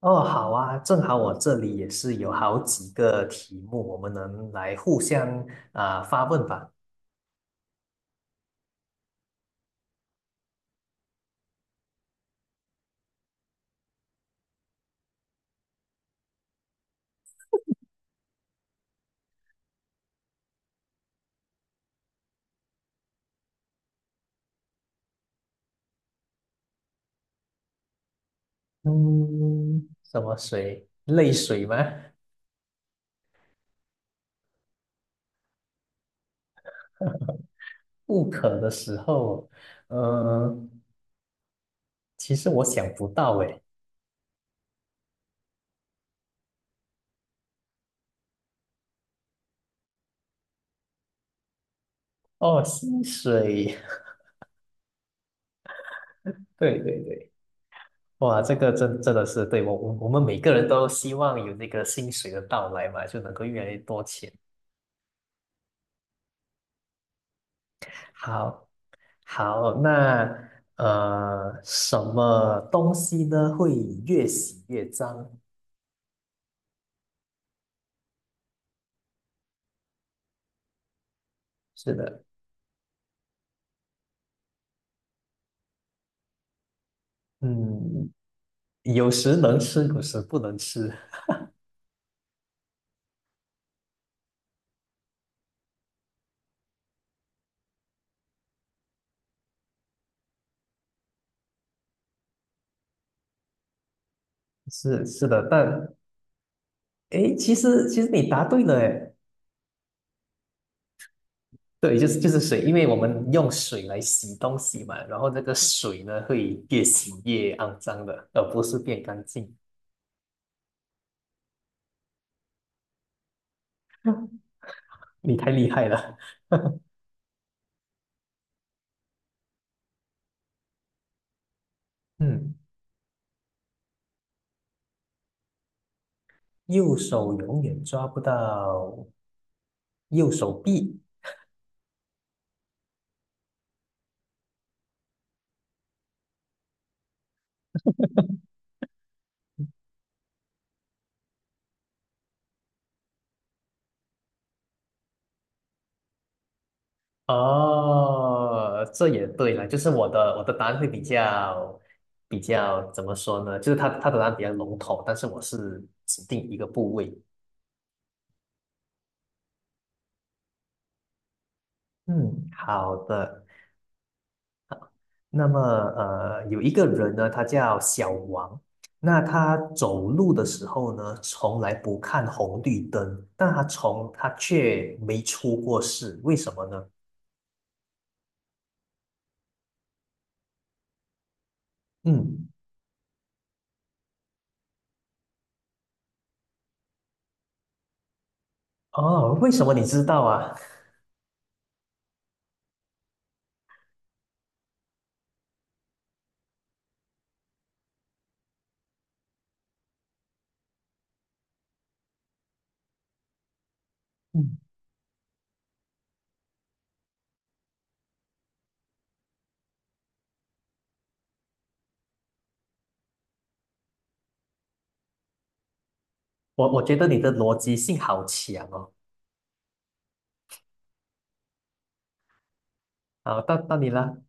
哦，好啊，正好我这里也是有好几个题目，我们能来互相发问吧。嗯，什么水？泪水吗？不渴的时候，呃，其实我想不到诶。哦，薪水，对对对，哇，这个真的是对我们每个人都希望有那个薪水的到来嘛，就能够越来越多钱。好，好，那什么东西呢会越洗越脏？是的，嗯，有时能吃，有时不能吃。是的，但诶，其实你答对了，诶，对，就是水，因为我们用水来洗东西嘛，然后那个水呢会越洗越肮脏的，而不是变干净。你太厉害了，嗯，右手永远抓不到右手臂。哦，这也对了，就是我的答案会比较比较怎么说呢？就是他的答案比较笼统，但是我是指定一个部位。嗯，好的。那么有一个人呢，他叫小王，那他走路的时候呢，从来不看红绿灯，但他从他却没出过事，为什么呢？嗯，哦，为什么你知道啊？嗯，我觉得你的逻辑性好强哦。好，到你了。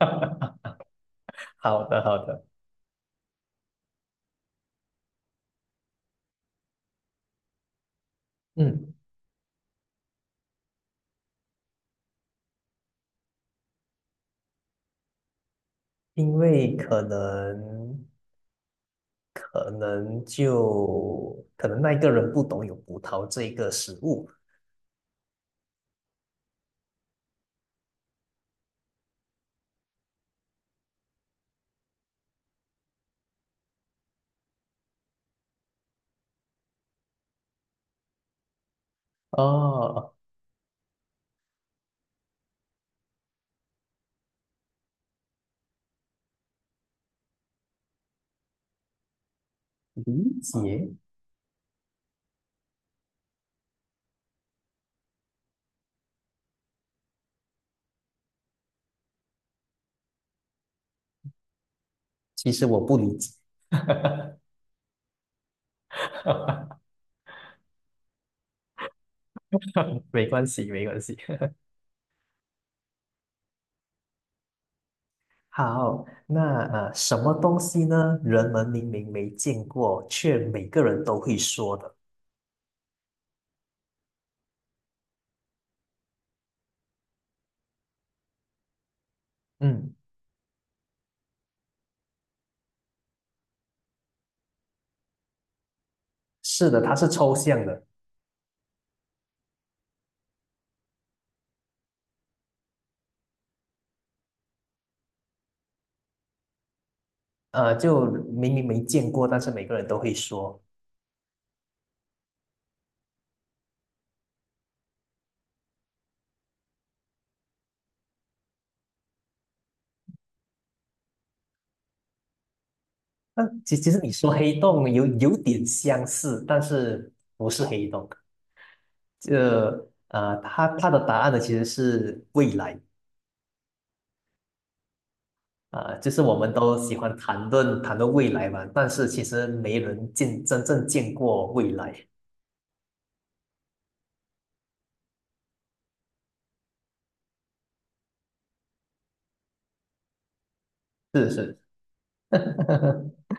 好的，好的。嗯，因为可能那一个人不懂有葡萄这个食物。哦，理解。其实我不理解。哈哈哈！没关系，没关系。好，那什么东西呢？人们明明没见过，却每个人都会说的。嗯，是的，它是抽象的。呃，就明明没见过，但是每个人都会说。那其实你说黑洞有点相似，但是不是黑洞。这呃，它的答案呢其实是未来就是我们都喜欢谈论未来嘛，但是其实没人见真正见过未来。是是，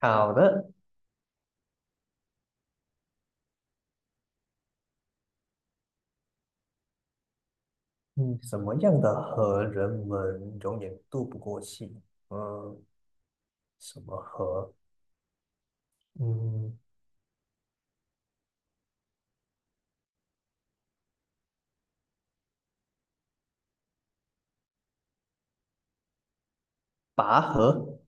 好的。嗯，什么样的河人们永远渡不过去？嗯，什么河？嗯，拔河。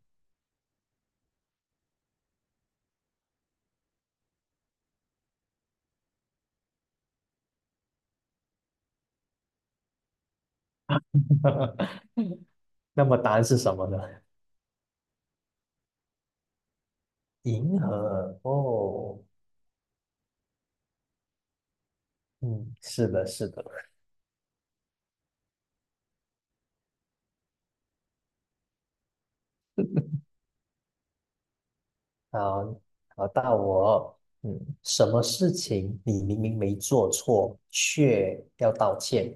那么答案是什么呢？银河哦，嗯，是的，是的。好，好，到我哦，嗯，什么事情你明明没做错，却要道歉？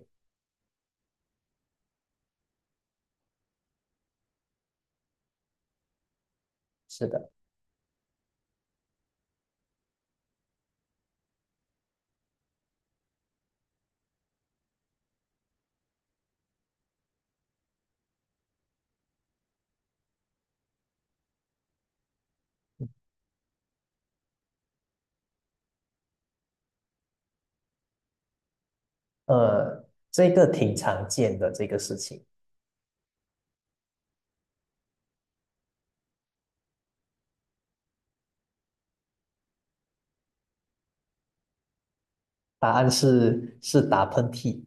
是的，呃，这个挺常见的这个事情，答案是打喷嚏。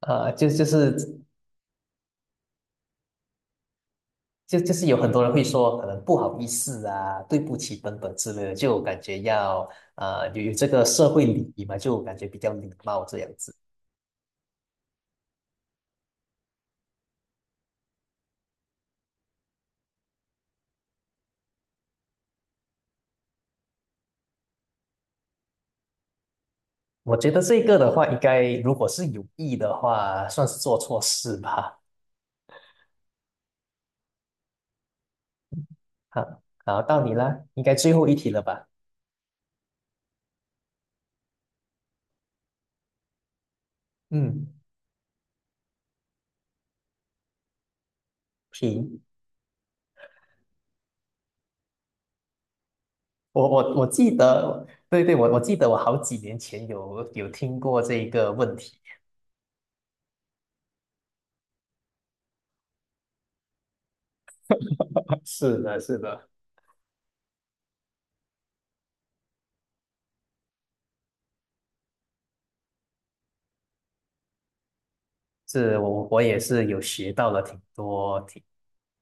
啊，就是有很多人会说，可能不好意思啊，对不起等等之类的，就感觉要啊有这个社会礼仪嘛，就感觉比较礼貌这样子。我觉得这个的话，应该如果是有意的话，算是做错事吧。好，好，到你啦，应该最后一题了吧？嗯，题，我记得，对对，我记得我好几年前有听过这个问题，是的，是的。是我也是有学到了挺多挺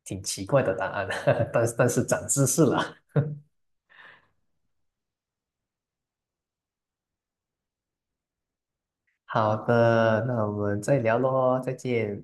挺奇怪的答案，但是长知识了。好的，那我们再聊喽，再见。